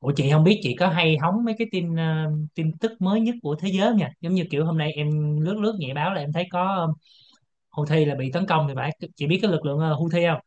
Ủa chị không biết chị có hay hóng mấy cái tin tin tức mới nhất của thế giới không nha? Giống như kiểu hôm nay em lướt lướt nhẹ báo là em thấy có Houthi là bị tấn công thì phải. Chị biết cái lực lượng Houthi không?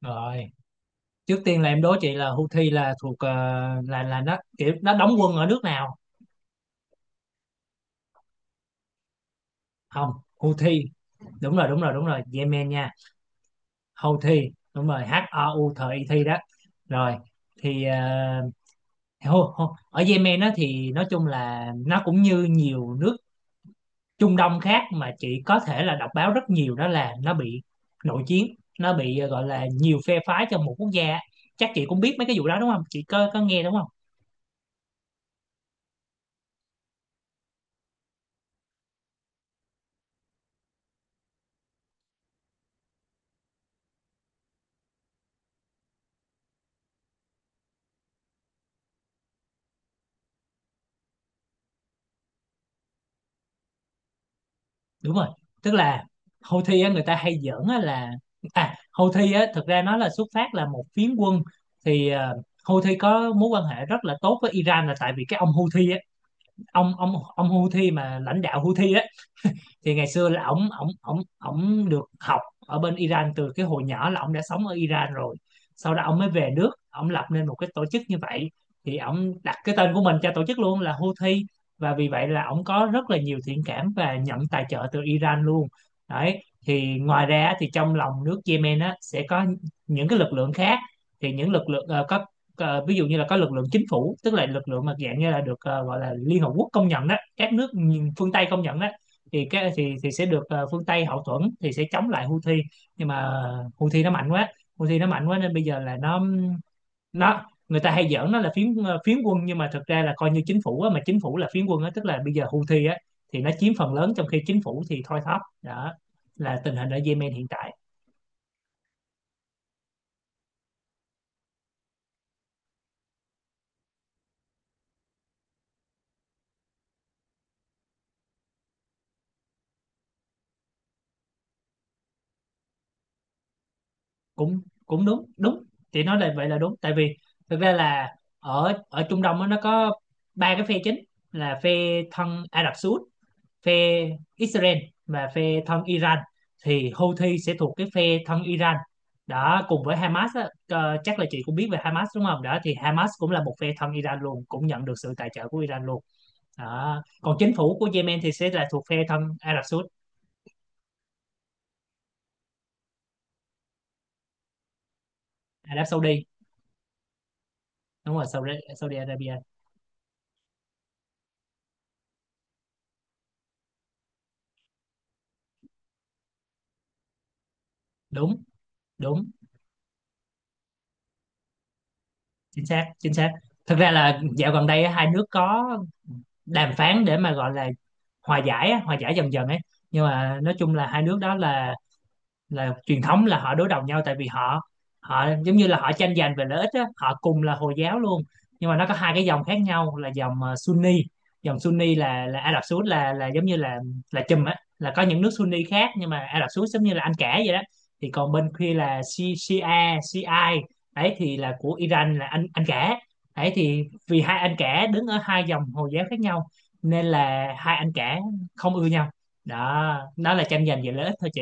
Rồi, trước tiên là em đố chị là Houthi là thuộc là nó kiểu nó đóng quân ở nước nào? Không, Houthi. Đúng rồi, đúng rồi, đúng rồi, Yemen nha. Houthi, đúng rồi, HOUTI Thi đó. Rồi, thì ở Yemen á thì nói chung là nó cũng như nhiều nước Trung Đông khác mà chị có thể là đọc báo rất nhiều, đó là nó bị nội chiến, nó bị gọi là nhiều phe phái trong một quốc gia, chắc chị cũng biết mấy cái vụ đó đúng không, chị có nghe đúng không. Đúng rồi, tức là Houthi á, người ta hay giỡn á là à Houthi á thực ra nó là xuất phát là một phiến quân, thì Houthi có mối quan hệ rất là tốt với Iran là tại vì cái ông Houthi á, ông Houthi mà lãnh đạo Houthi á thì ngày xưa là ổng ổng ổng ổng được học ở bên Iran, từ cái hồi nhỏ là ổng đã sống ở Iran rồi, sau đó ổng mới về nước ổng lập nên một cái tổ chức như vậy, thì ổng đặt cái tên của mình cho tổ chức luôn là Houthi, và vì vậy là ổng có rất là nhiều thiện cảm và nhận tài trợ từ Iran luôn. Đấy thì ngoài ra thì trong lòng nước Yemen á sẽ có những cái lực lượng khác, thì những lực lượng có ví dụ như là có lực lượng chính phủ, tức là lực lượng mà dạng như là được gọi là Liên Hợp Quốc công nhận đó, các nước phương Tây công nhận đó, thì cái thì sẽ được phương Tây hậu thuẫn, thì sẽ chống lại Houthi, nhưng mà Houthi nó mạnh quá, Houthi nó mạnh quá nên bây giờ là nó người ta hay giỡn nó là phiến quân, nhưng mà thực ra là coi như chính phủ á, mà chính phủ là phiến quân á, tức là bây giờ Houthi á thì nó chiếm phần lớn trong khi chính phủ thì thoi thóp, đó là tình hình ở Yemen hiện tại. Cũng cũng đúng đúng, chị nói là vậy là đúng tại vì thực ra là ở ở Trung Đông á, nó có ba cái phe chính, là phe thân Ả Rập Xê Út, phe Israel và phe thân Iran, thì Houthi sẽ thuộc cái phe thân Iran đó, cùng với Hamas á, chắc là chị cũng biết về Hamas đúng không, đó thì Hamas cũng là một phe thân Iran luôn, cũng nhận được sự tài trợ của Iran luôn đó. Còn chính phủ của Yemen thì sẽ là thuộc phe thân Ả Rập Saudi. Ả Rập Saudi đúng rồi, Saudi, Saudi Arabia. Đúng đúng, chính xác chính xác, thực ra là dạo gần đây á, hai nước có đàm phán để mà gọi là hòa giải á, hòa giải dần dần ấy, nhưng mà nói chung là hai nước đó là truyền thống là họ đối đầu nhau, tại vì họ họ giống như là họ tranh giành về lợi ích á, họ cùng là Hồi giáo luôn nhưng mà nó có hai cái dòng khác nhau, là dòng Sunni, dòng Sunni là Ả Rập Xê Út, là giống như là chùm á, là có những nước Sunni khác nhưng mà Ả Rập Xê Út giống như là Anh cả vậy đó, thì còn bên kia là Shia, Shiite, đấy thì là của Iran, là anh cả, đấy thì vì hai anh cả đứng ở hai dòng Hồi giáo khác nhau nên là hai anh cả không ưa nhau, đó đó là tranh giành về lợi ích thôi chị.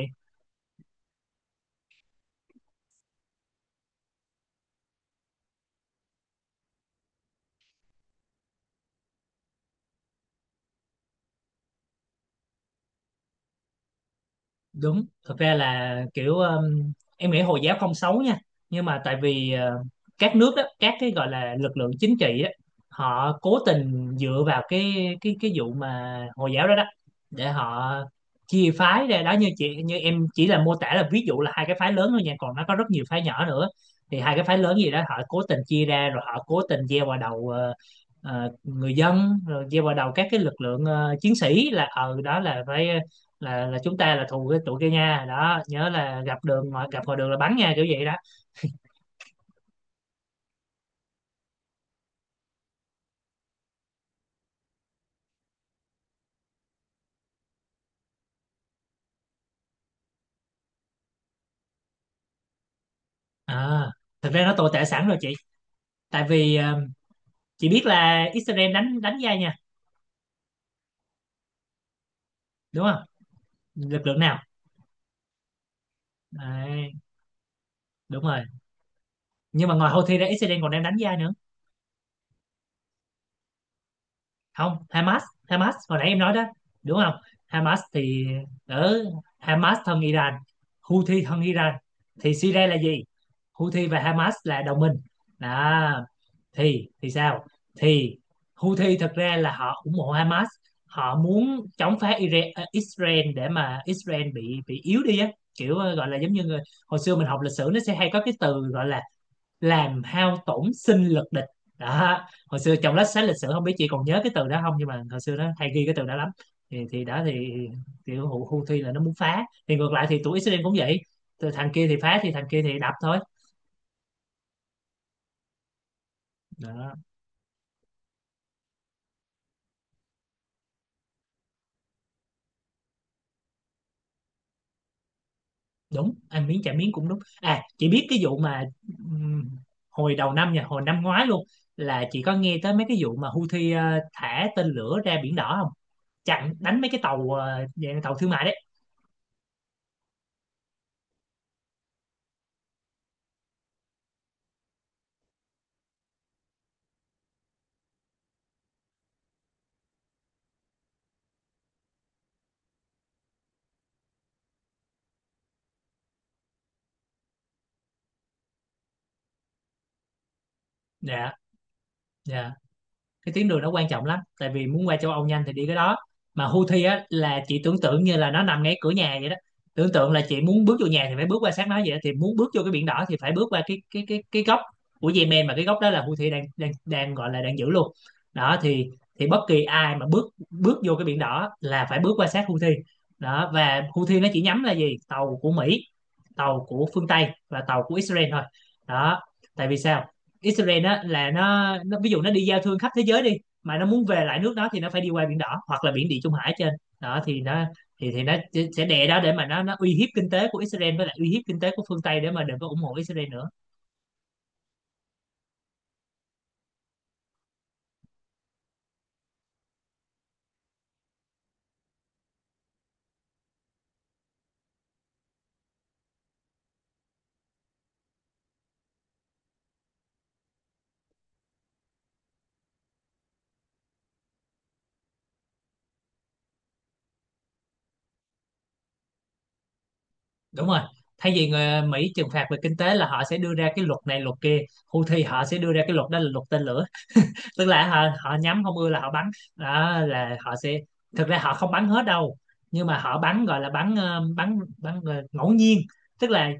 Đúng, thực ra là kiểu em nghĩ Hồi giáo không xấu nha, nhưng mà tại vì các nước đó, các cái gọi là lực lượng chính trị á, họ cố tình dựa vào cái vụ mà Hồi giáo đó đó, để họ chia phái ra đó, như chị như em chỉ là mô tả là ví dụ là hai cái phái lớn thôi nha, còn nó có rất nhiều phái nhỏ nữa, thì hai cái phái lớn gì đó họ cố tình chia ra, rồi họ cố tình gieo vào đầu người dân, rồi gieo vào đầu các cái lực lượng chiến sĩ là ờ đó là phải là chúng ta là thù cái tụi kia nha, đó nhớ là gặp đường ngoài gặp ngoài đường là bắn nha, kiểu vậy đó. À, thực ra nó tồi tệ sẵn rồi chị, tại vì chị biết là Israel đánh đánh da nha, đúng không, lực lượng nào. Đấy, đúng rồi, nhưng mà ngoài Houthi ra Israel còn đang đánh da nữa, không, Hamas, Hamas hồi nãy em nói đó đúng không. Hamas thì ở Hamas thân Iran, Houthi thân Iran, thì Syria là gì, Houthi và Hamas là đồng minh đó, thì sao, thì Houthi thật ra là họ ủng hộ Hamas, họ muốn chống phá Israel để mà Israel bị yếu đi á, kiểu gọi là giống như người, hồi xưa mình học lịch sử nó sẽ hay có cái từ gọi là làm hao tổn sinh lực địch đó, hồi xưa trong lớp sách lịch sử không biết chị còn nhớ cái từ đó không nhưng mà hồi xưa nó hay ghi cái từ đó lắm, thì đó thì kiểu Houthi là nó muốn phá thì ngược lại thì tụi Israel cũng vậy, từ thằng kia thì phá thì thằng kia thì đập thôi đó. Đúng, ăn miếng trả miếng cũng đúng, à chị biết cái vụ mà ừm, hồi đầu năm nha, hồi năm ngoái luôn là chị có nghe tới mấy cái vụ mà Houthi thả tên lửa ra biển đỏ không, chặn đánh mấy cái tàu dạng tàu thương mại đấy. Dạ, dạ, cái tuyến đường nó quan trọng lắm, tại vì muốn qua châu Âu nhanh thì đi cái đó, mà Houthi á là chị tưởng tượng như là nó nằm ngay cửa nhà vậy đó, tưởng tượng là chị muốn bước vô nhà thì phải bước qua sát nó vậy đó. Thì muốn bước vô cái biển đỏ thì phải bước qua cái góc của Yemen, mà cái góc đó là Houthi đang đang đang gọi là đang giữ luôn đó, thì bất kỳ ai mà bước bước vô cái biển đỏ là phải bước qua sát Houthi đó, và Houthi nó chỉ nhắm là gì, tàu của Mỹ, tàu của phương Tây và tàu của Israel thôi đó. Tại vì sao, Israel á là nó ví dụ nó đi giao thương khắp thế giới đi, mà nó muốn về lại nước nó thì nó phải đi qua biển đỏ hoặc là biển Địa Trung Hải trên đó, thì nó thì sẽ đè đó để mà nó uy hiếp kinh tế của Israel với lại uy hiếp kinh tế của phương Tây, để mà đừng có ủng hộ Israel nữa. Đúng rồi, thay vì người Mỹ trừng phạt về kinh tế là họ sẽ đưa ra cái luật này luật kia, Houthi họ sẽ đưa ra cái luật đó là luật tên lửa, tức là họ nhắm không ưa là họ bắn, đó là họ sẽ, thực ra họ không bắn hết đâu nhưng mà họ bắn gọi là bắn ờ, bắn bắn ờ, ngẫu nhiên, tức là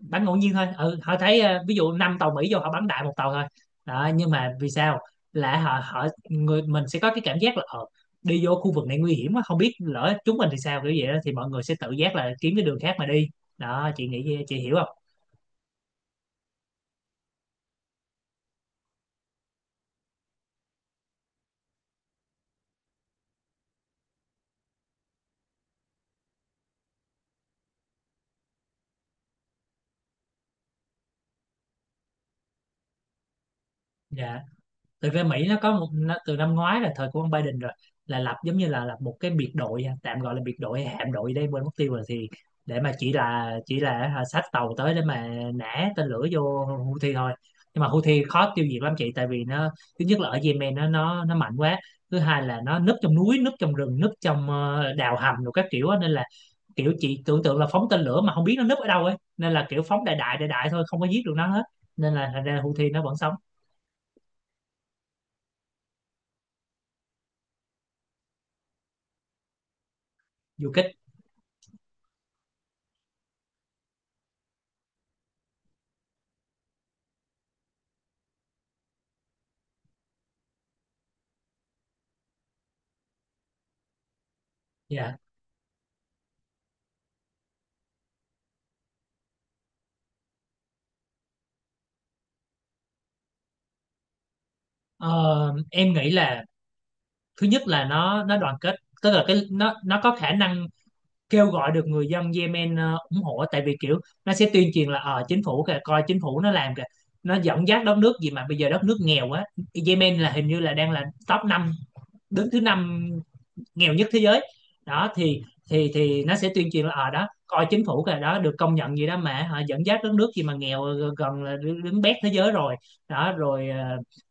bắn ngẫu nhiên thôi, ừ, họ thấy ví dụ năm tàu Mỹ vô họ bắn đại một tàu thôi đó, nhưng mà vì sao, là họ họ người mình sẽ có cái cảm giác là đi vô khu vực này nguy hiểm quá, không biết lỡ chúng mình thì sao, kiểu vậy đó thì mọi người sẽ tự giác là kiếm cái đường khác mà đi đó, chị nghĩ chị hiểu không. Dạ, thực ra Mỹ nó có một từ năm ngoái là thời của ông Biden rồi, là lập giống như là lập một cái biệt đội, à tạm gọi là biệt đội hay hạm đội đây quên mất tiêu rồi, thì để mà chỉ là à xách tàu tới để mà nã tên lửa vô Houthi thôi, nhưng mà Houthi khó tiêu diệt lắm chị, tại vì nó, thứ nhất là ở Yemen nó nó mạnh quá, thứ hai là nó núp trong núi, núp trong rừng, núp trong đào hầm rồi các kiểu á. Nên là kiểu chị tưởng tượng là phóng tên lửa mà không biết nó núp ở đâu ấy, nên là kiểu phóng đại đại đại đại thôi, không có giết được nó hết, nên là thành ra Houthi nó vẫn sống du kích. Dạ. Ờ, em nghĩ là thứ nhất là nó đoàn kết, tức là cái nó có khả năng kêu gọi được người dân Yemen ủng hộ, tại vì kiểu nó sẽ tuyên truyền là ờ chính phủ kìa, coi chính phủ nó làm kìa, nó dẫn dắt đất nước gì mà bây giờ đất nước nghèo quá, Yemen là hình như là đang là top 5, đứng thứ năm nghèo nhất thế giới đó, thì nó sẽ tuyên truyền là ở đó coi chính phủ kìa đó được công nhận gì đó mà hả, dẫn dắt đất nước gì mà nghèo gần là đứng đứng bét thế giới rồi đó, rồi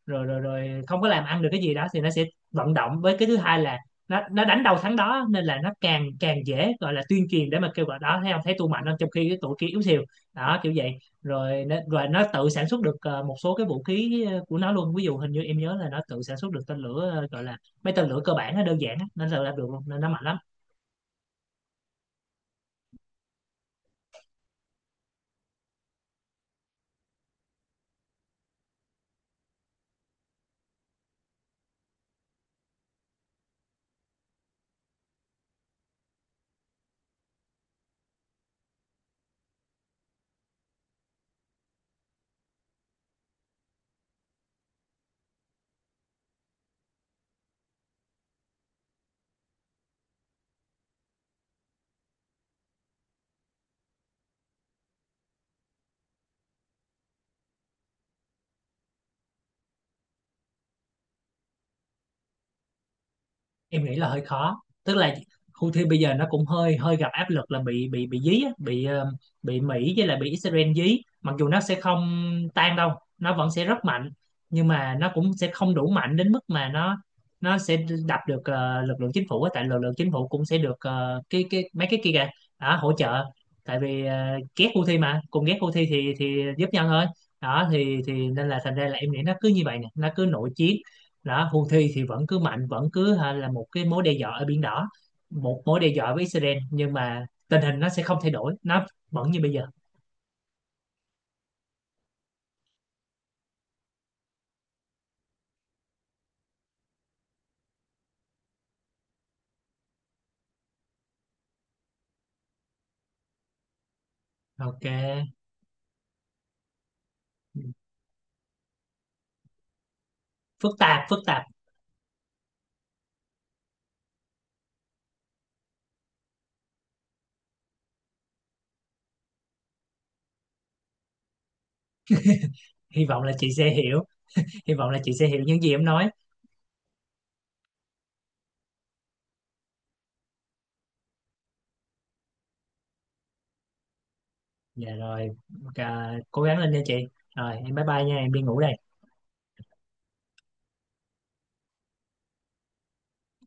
rồi không có làm ăn được cái gì đó, thì nó sẽ vận động, với cái thứ hai là nó đánh đầu thắng đó, nên là nó càng càng dễ gọi là tuyên truyền để mà kêu gọi đó, thấy không, thấy tôi mạnh không, trong khi cái tụi kia yếu xìu đó, kiểu vậy, rồi rồi nó tự sản xuất được một số cái vũ khí của nó luôn, ví dụ hình như em nhớ là nó tự sản xuất được tên lửa gọi là mấy tên lửa cơ bản nó đơn giản á, nên là làm được luôn, nên nó mạnh lắm. Em nghĩ là hơi khó, tức là Houthi bây giờ nó cũng hơi hơi gặp áp lực là bị dí á, bị bị Mỹ với lại bị Israel dí, mặc dù nó sẽ không tan đâu, nó vẫn sẽ rất mạnh, nhưng mà nó cũng sẽ không đủ mạnh đến mức mà nó sẽ đập được lực lượng chính phủ á, tại lực lượng chính phủ cũng sẽ được cái mấy cái kia kìa đó, hỗ trợ, tại vì ghét Houthi mà cùng ghét Houthi thì giúp nhau thôi đó, thì nên là thành ra là em nghĩ nó cứ như vậy nè, nó cứ nội chiến đó, Houthi thì vẫn cứ mạnh, vẫn cứ hả, là một cái mối đe dọa ở biển đỏ, một mối đe dọa với Israel, nhưng mà tình hình nó sẽ không thay đổi, nó vẫn như bây giờ. OK. Phức tạp phức tạp, hy vọng là chị sẽ hiểu, hy vọng là chị sẽ hiểu những gì em nói. Dạ rồi, à, cố gắng lên nha chị, rồi em bye bye nha, em đi ngủ đây.